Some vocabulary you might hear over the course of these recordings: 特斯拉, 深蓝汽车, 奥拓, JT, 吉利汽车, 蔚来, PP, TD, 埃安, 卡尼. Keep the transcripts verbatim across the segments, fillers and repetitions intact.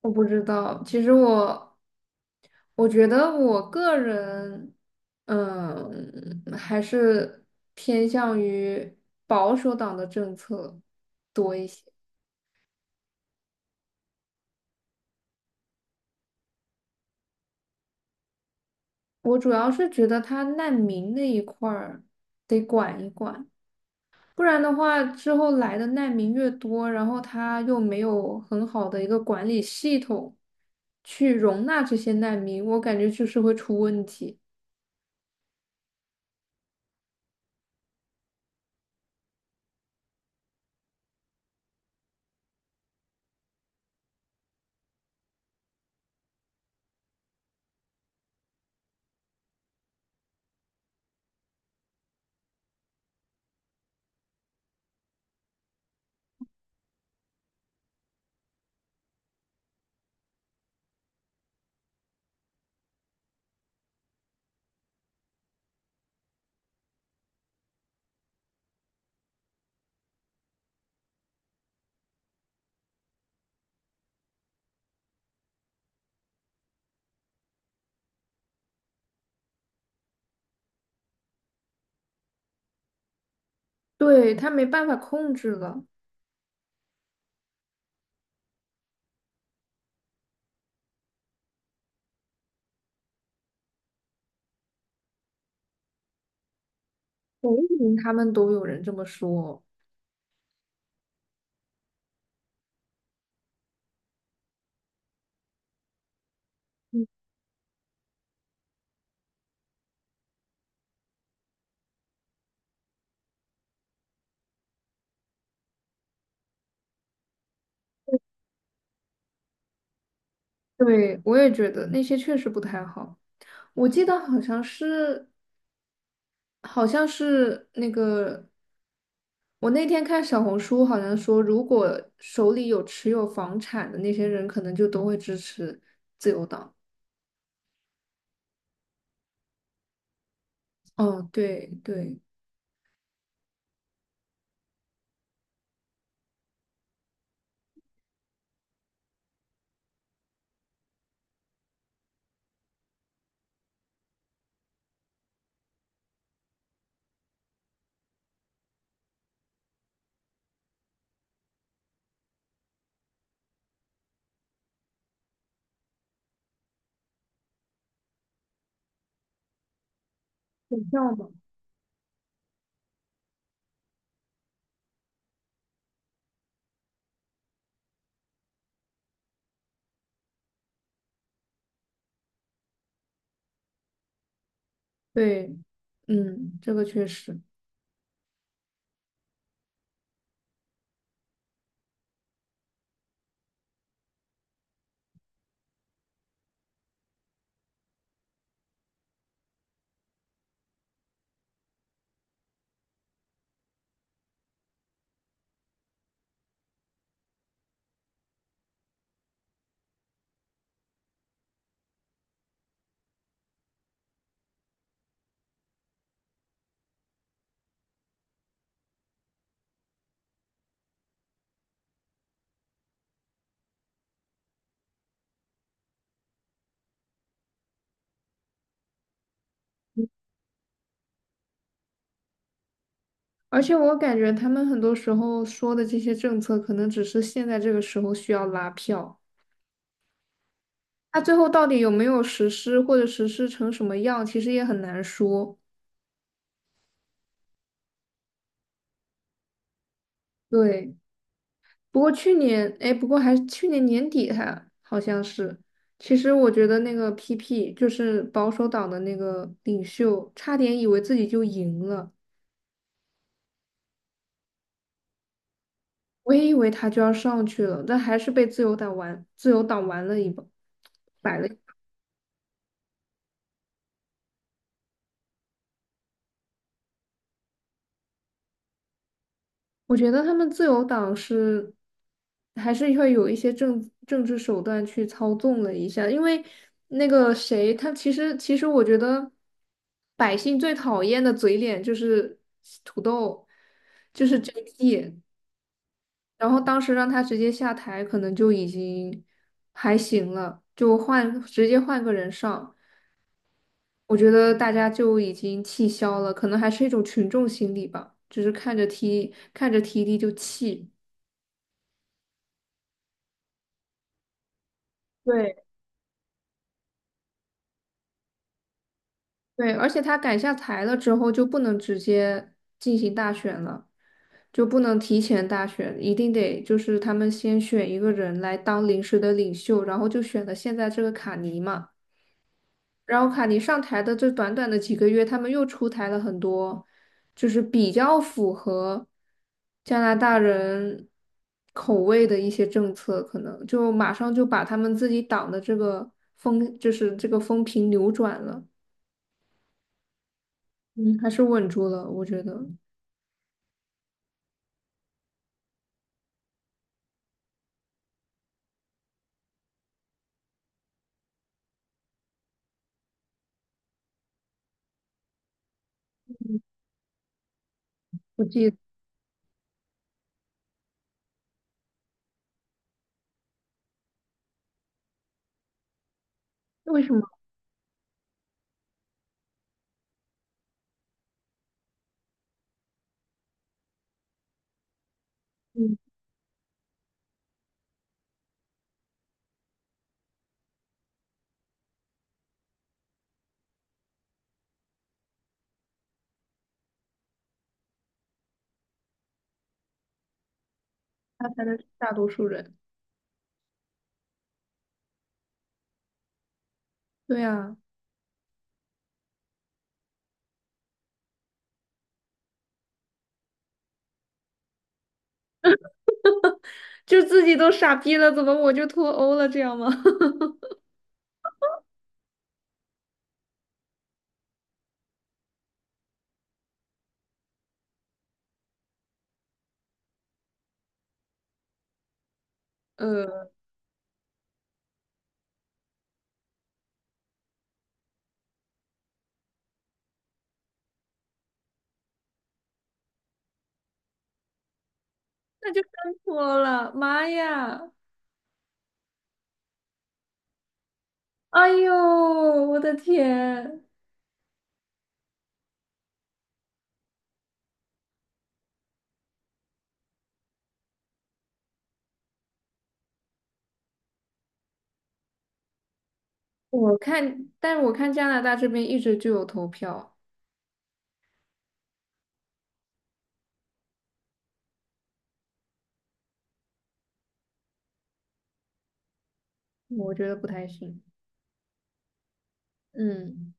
我不知道，其实我我觉得我个人，嗯，还是偏向于保守党的政策多一些。我主要是觉得他难民那一块儿得管一管，不然的话，之后来的难民越多，然后他又没有很好的一个管理系统去容纳这些难民，我感觉就是会出问题。对，他没办法控制了，嗯他们都有人这么说。对，我也觉得那些确实不太好。我记得好像是，好像是那个，我那天看小红书，好像说，如果手里有持有房产的那些人，可能就都会支持自由党。哦，对对，股票嘛，对，嗯，这个确实。而且我感觉他们很多时候说的这些政策，可能只是现在这个时候需要拉票，那最后到底有没有实施，或者实施成什么样，其实也很难说。对。不过去年，哎，不过还去年年底还好像是。其实我觉得那个 P P 就是保守党的那个领袖，差点以为自己就赢了，我也以为他就要上去了，但还是被自由党玩，自由党玩了一把，摆了。我觉得他们自由党是还是会有一些政政治手段去操纵了一下，因为那个谁，他其实其实我觉得百姓最讨厌的嘴脸就是土豆，就是 J T，然后当时让他直接下台，可能就已经还行了，就换直接换个人上，我觉得大家就已经气消了，可能还是一种群众心理吧，就是看着 T 看着 T D 就气。对，对，而且他改下台了之后，就不能直接进行大选了，就不能提前大选，一定得就是他们先选一个人来当临时的领袖，然后就选了现在这个卡尼嘛。然后卡尼上台的这短短的几个月，他们又出台了很多，就是比较符合加拿大人口味的一些政策，可能就马上就把他们自己党的这个风，就是这个风评扭转了。嗯，还是稳住了，我觉得。我记得为什么？嗯，他才能是大多数人。对啊，就自己都傻逼了，怎么我就脱欧了？这样吗？呃，那就真脱了，妈呀！哎呦，我的天！我看，但我看加拿大这边一直就有投票，我觉得不太行。嗯，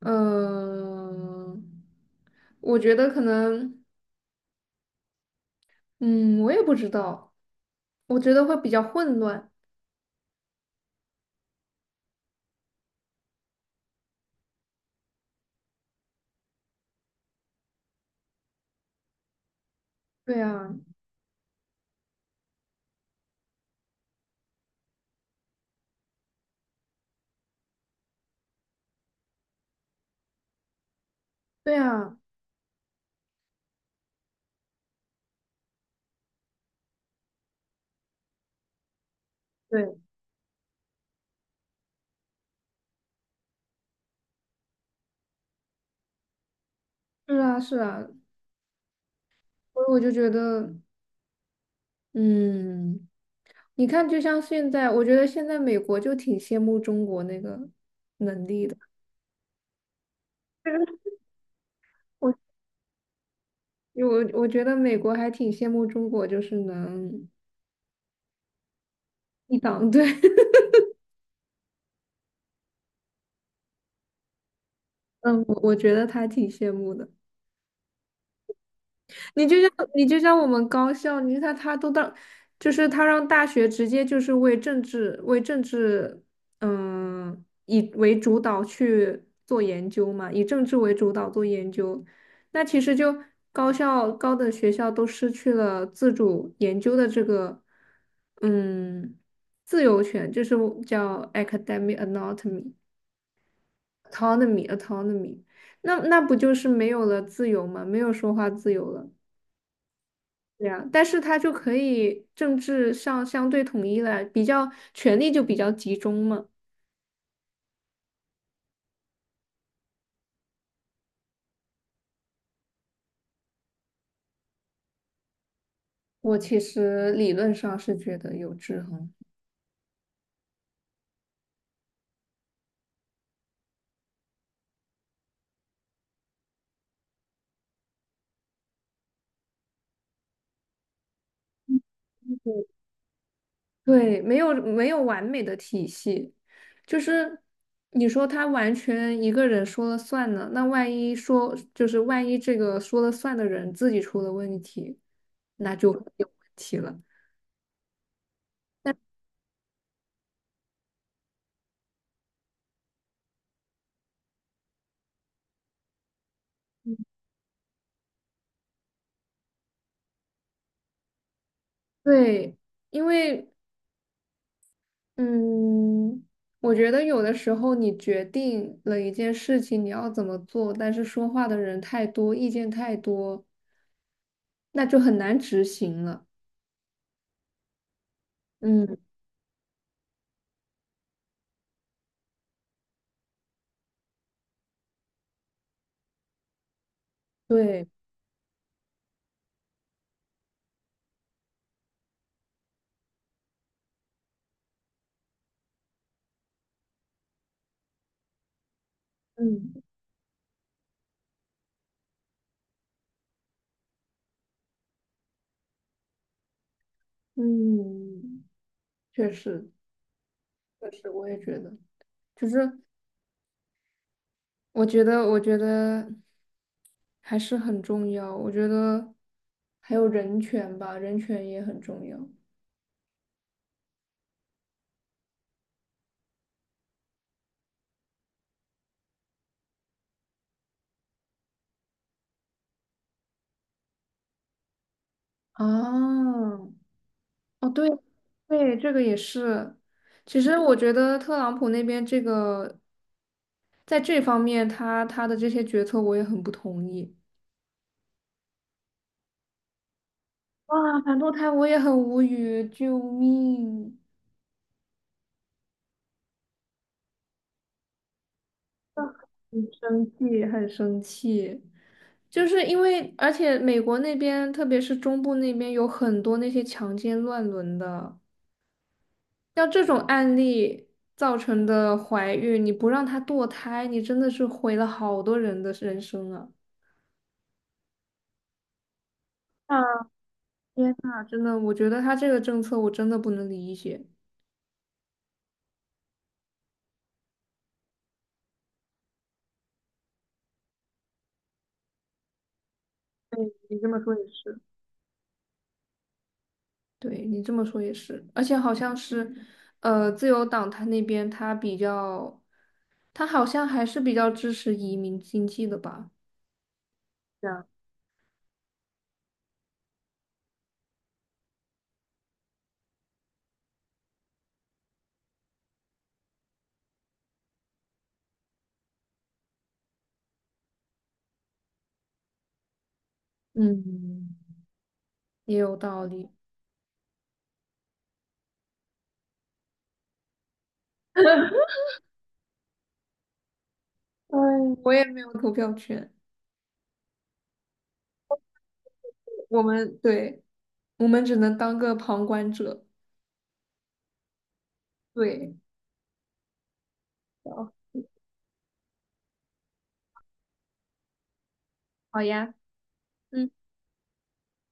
呃，我觉得可能，嗯，我也不知道，我觉得会比较混乱。对啊，对啊。对，是啊，是啊，所以我就觉得，嗯，你看，就像现在，我觉得现在美国就挺羡慕中国那个能力的。我我我觉得美国还挺羡慕中国，就是能一党对，嗯，我我觉得他挺羡慕的。你就像你就像我们高校，你看他都到，就是他让大学直接就是为政治为政治，嗯，以为主导去做研究嘛，以政治为主导做研究，那其实就高校高等学校都失去了自主研究的这个，嗯，自由权，就是叫 academic autonomy autonomy autonomy，那那不就是没有了自由吗？没有说话自由了。对呀，但是他就可以政治上相对统一了，比较权力就比较集中嘛。我其实理论上是觉得有制衡。对，没有没有完美的体系，就是你说他完全一个人说了算呢，那万一说就是万一这个说了算的人自己出了问题，那就有问题了。对，因为嗯，我觉得有的时候你决定了一件事情你要怎么做，但是说话的人太多，意见太多，那就很难执行了。嗯，对，嗯嗯，确实，确实，我也觉得，就是我觉得，我觉得还是很重要。我觉得还有人权吧，人权也很重要。啊，哦，对对，这个也是。其实我觉得特朗普那边这个在这方面他，他的这些决策我也很不同意。哇，反堕胎我也很无语，救命！很生气，很生气。就是因为，而且美国那边，特别是中部那边，有很多那些强奸乱伦的，像这种案例造成的怀孕，你不让她堕胎，你真的是毁了好多人的人生啊！天呐，真的，我觉得他这个政策我真的不能理解。对，你这么说也是。对，你这么说也是，而且好像是，呃，自由党他那边他比较，他好像还是比较支持移民经济的吧？这样，嗯，也有道理。哎，我也没有投票权，我们对，我们只能当个旁观者。对，好，好呀。嗯。